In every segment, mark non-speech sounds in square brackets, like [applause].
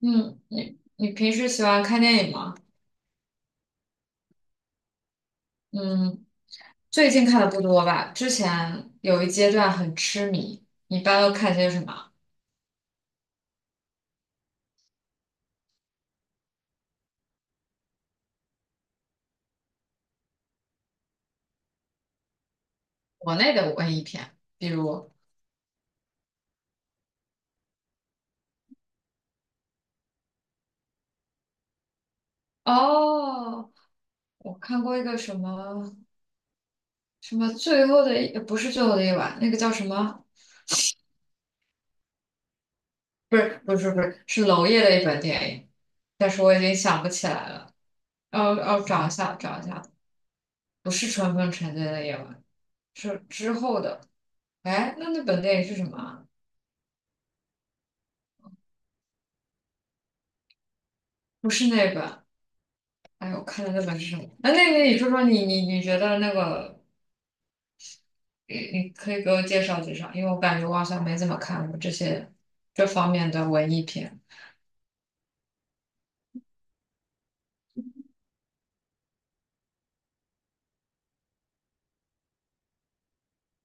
嗯，你平时喜欢看电影吗？嗯，最近看的不多吧，之前有一阶段很痴迷。你一般都看些什么？国内的文艺片，比如。哦，我看过一个什么什么最后的一，不是最后的一晚，那个叫什么？不是不是不是，是娄烨的一本电影，但是我已经想不起来了。哦哦，找一下找一下。不是《春风沉醉的夜晚》，是之后的。哎，那本电影是什么啊？不是那本。哎呦，我看的那本是什么？那那个你说说你觉得那个，你可以给我介绍介绍，因为我感觉我好像没怎么看过这方面的文艺片。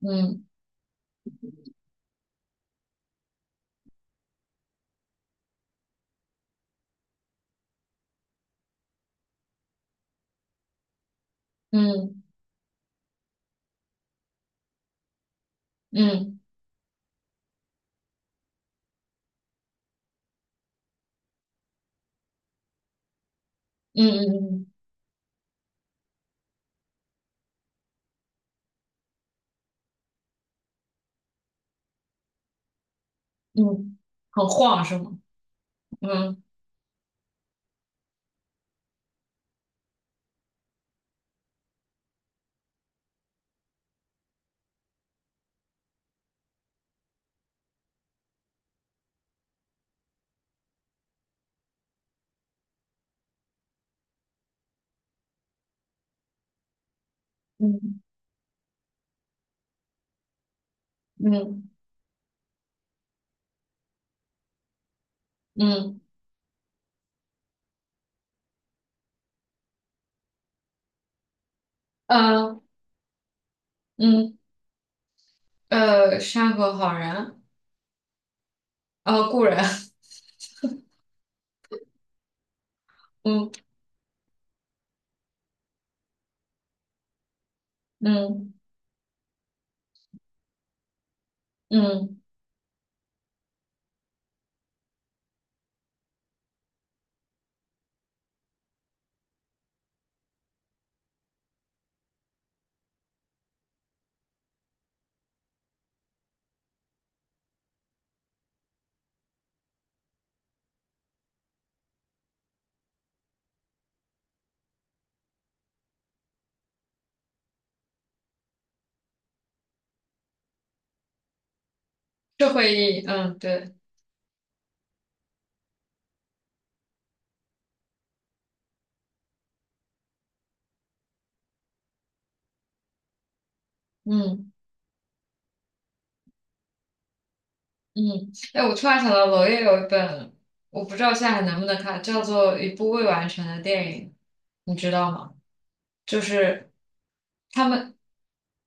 嗯嗯嗯嗯嗯嗯嗯，很晃是吗？嗯嗯嗯嗯呃嗯，山河好人，故人。[laughs] 嗯嗯嗯，社会意义，嗯对。嗯嗯，哎，我突然想到娄烨有一本，我不知道现在还能不能看，叫做《一部未完成的电影》，你知道吗？就是他们，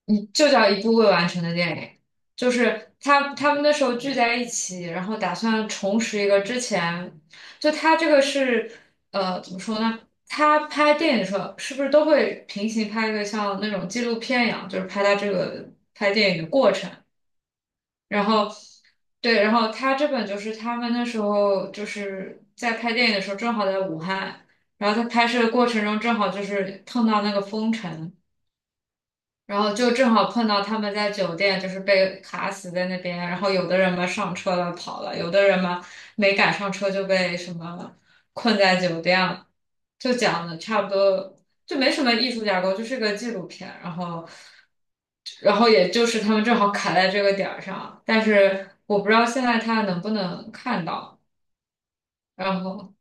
你就叫一部未完成的电影，就是他们那时候聚在一起，然后打算重拾一个之前。就他这个是怎么说呢？他拍电影的时候是不是都会平行拍一个像那种纪录片一样，就是拍他这个拍电影的过程？然后，对，然后他这本就是他们那时候就是在拍电影的时候，正好在武汉，然后在拍摄的过程中正好就是碰到那个封城，然后就正好碰到他们在酒店，就是被卡死在那边。然后有的人嘛上车了跑了，有的人嘛没赶上车就被什么困在酒店了。就讲的差不多，就没什么艺术架构，就是个纪录片。然后，然后也就是他们正好卡在这个点儿上，但是我不知道现在他能不能看到。然后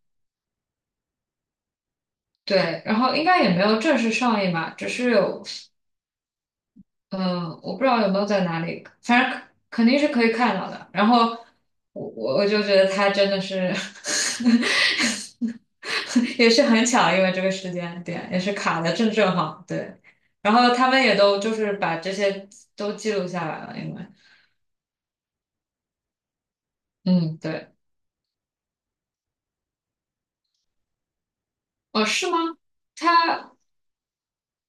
对，然后应该也没有正式上映吧，只是有。嗯，我不知道有没有在哪里，反正肯定是可以看到的。然后我就觉得他真的是。 [laughs] 也是很巧，因为这个时间点也是卡的正好，对。然后他们也都就是把这些都记录下来了，因为嗯，对。哦，是吗？他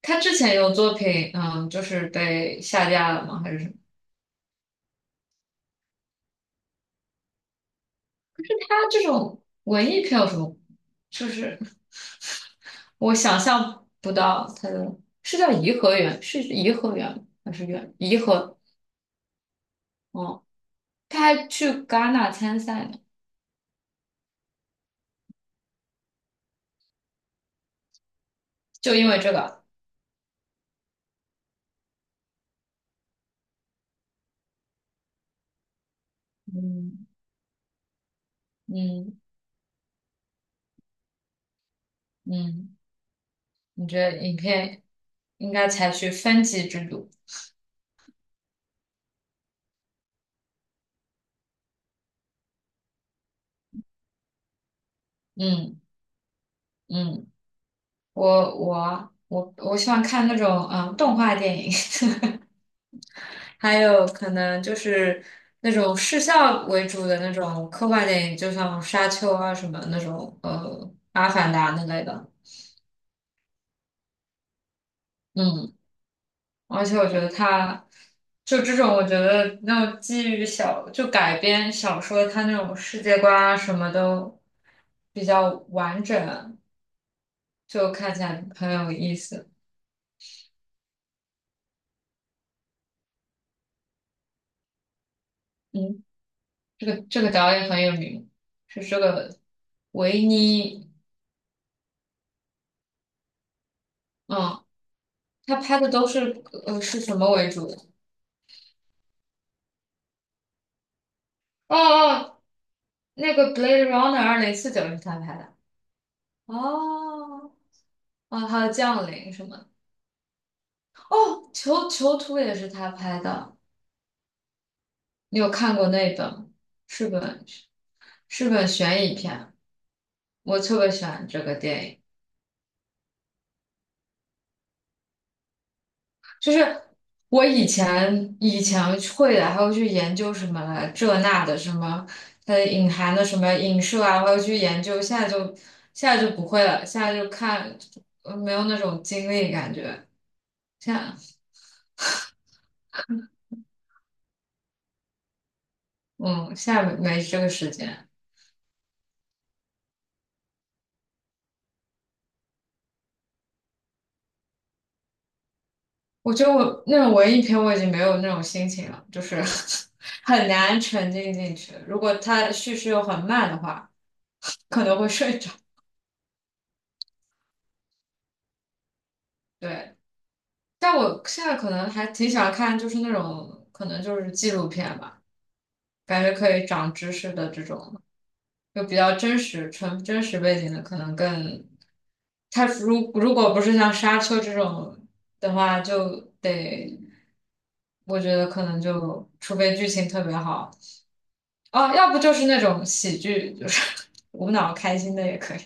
他之前有作品，嗯，就是被下架了吗？还是什么？他这种文艺票有什么？就是。我想象不到它的，是叫颐和园，是颐和园还是园？颐和。哦，他还去戛纳参赛呢，就因为这个。嗯嗯嗯，你觉得影片应该采取分级制度？嗯嗯，我喜欢看那种嗯动画电影。[laughs] 还有可能就是那种视效为主的那种科幻电影，就像《沙丘》啊什么那种，阿凡达》那类的，嗯。而且我觉得他就这种，我觉得那种基于小就改编小说，他那种世界观啊什么都比较完整，就看起来很有意思。嗯，这个这个导演很有名，是这个维尼。嗯，他拍的都是是什么为主的？哦哦，那个《Blade Runner》2049是他拍的。哦，哦，还有《降临》什么的。哦，囚囚徒也是他拍的。你有看过那本？是本悬疑片，我特别喜欢这个电影。就是我以前会的，还会去研究什么这那的什么，它的隐含的什么影射啊，还会去研究。现在就不会了，现在就看，没有那种精力感觉。现在嗯，现在没这个时间。我觉得我那种文艺片我已经没有那种心情了，就是 [laughs] 很难沉浸进去。如果它叙事又很慢的话，可能会睡着。对，但我现在可能还挺喜欢看，就是那种可能就是纪录片吧，感觉可以长知识的这种，就比较真实、纯真实背景的，可能更。它如果不是像《沙丘》这种的话，就得我觉得可能就除非剧情特别好。哦，要不就是那种喜剧，就是 [laughs] 无脑开心的也可以。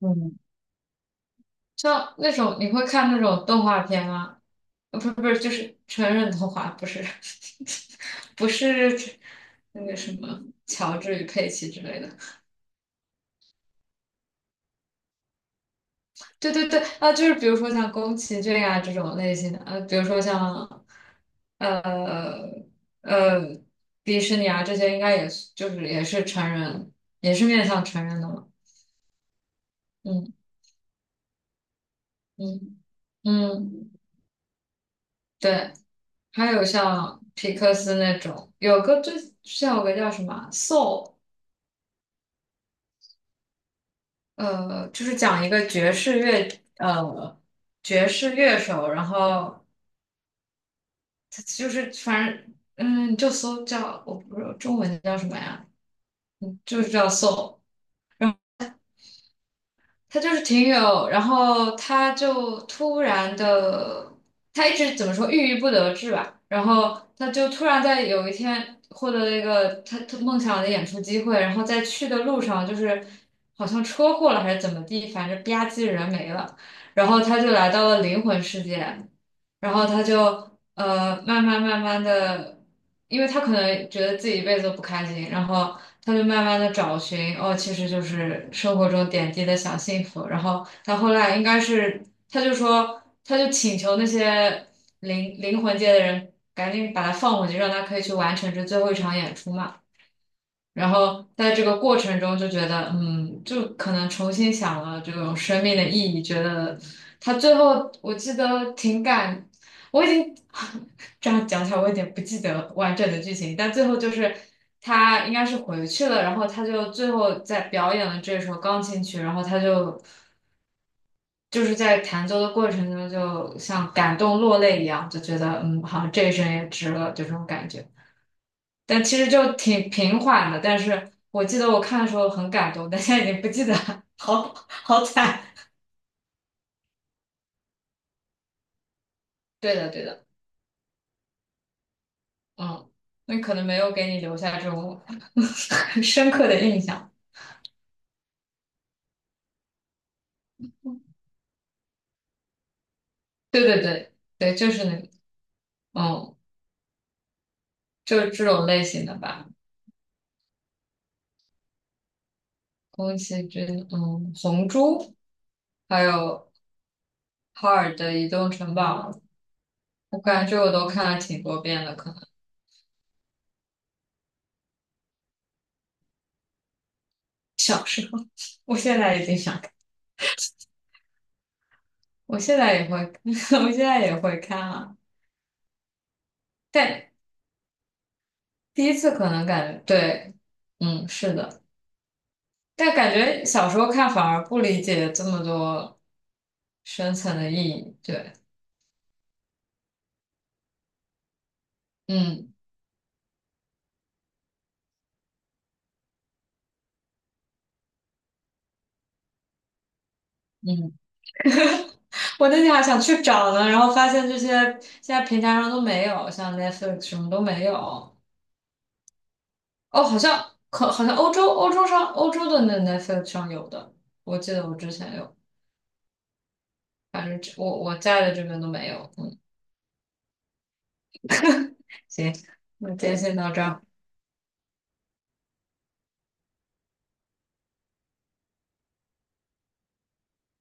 嗯，像那种你会看那种动画片吗？不是不是，就是成人动画，不是 [laughs] 不是那个什么乔治与佩奇之类的。对对对，啊，就是比如说像宫崎骏啊这种类型的，比如说像呃呃迪士尼啊这些，应该也是就是也是成人，也是面向成人的嘛。嗯嗯嗯。对，还有像皮克斯那种，有个最像有个叫什么啊 Soul,就是讲一个爵士乐，呃，爵士乐手，然后他就是反正就搜叫我不知道中文叫什么呀，嗯，就是叫 Soul。他就是挺有，然后他就突然的，他一直怎么说郁郁不得志吧，然后他就突然在有一天获得了一个他梦想的演出机会，然后在去的路上就是好像车祸了还是怎么地，反正吧唧人没了，然后他就来到了灵魂世界，然后他就慢慢慢慢的，因为他可能觉得自己一辈子都不开心，然后他就慢慢的找寻，哦，其实就是生活中点滴的小幸福。然后他后来应该是，他就说，他就请求那些灵魂界的人赶紧把他放回去，让他可以去完成这最后一场演出嘛。然后在这个过程中就觉得，嗯，就可能重新想了这种生命的意义，觉得他最后我记得挺感，我已经 [laughs] 这样讲起来我有点不记得完整的剧情，但最后就是他应该是回去了，然后他就最后在表演了这首钢琴曲，然后他就就是在弹奏的过程中就像感动落泪一样，就觉得嗯，好像这一生也值了，就这种感觉。但其实就挺平缓的。但是我记得我看的时候很感动，但现在已经不记得了。[laughs] 好好惨。对的，对的。嗯，那可能没有给你留下这种 [laughs] 很深刻的印象。对对对对，就是那个，嗯，就是这种类型的吧。宫崎骏，嗯，《红猪》，还有哈尔的《移动城堡》，我感觉我都看了挺多遍了。可能小时候。[laughs] 我现在已经想，看，我现在也会。[laughs] 我现在也会看啊。但第一次可能感，对，嗯，是的，但感觉小时候看反而不理解这么多深层的意义，对。嗯嗯，我那天还想去找呢，然后发现这些现在平台上都没有，像 Netflix 什么都没有。哦，好像可好像欧洲欧洲上欧洲的那 Netflix 上有的，我记得我之前有，反正这我在的这边都没有，嗯。行，那今天先到这儿。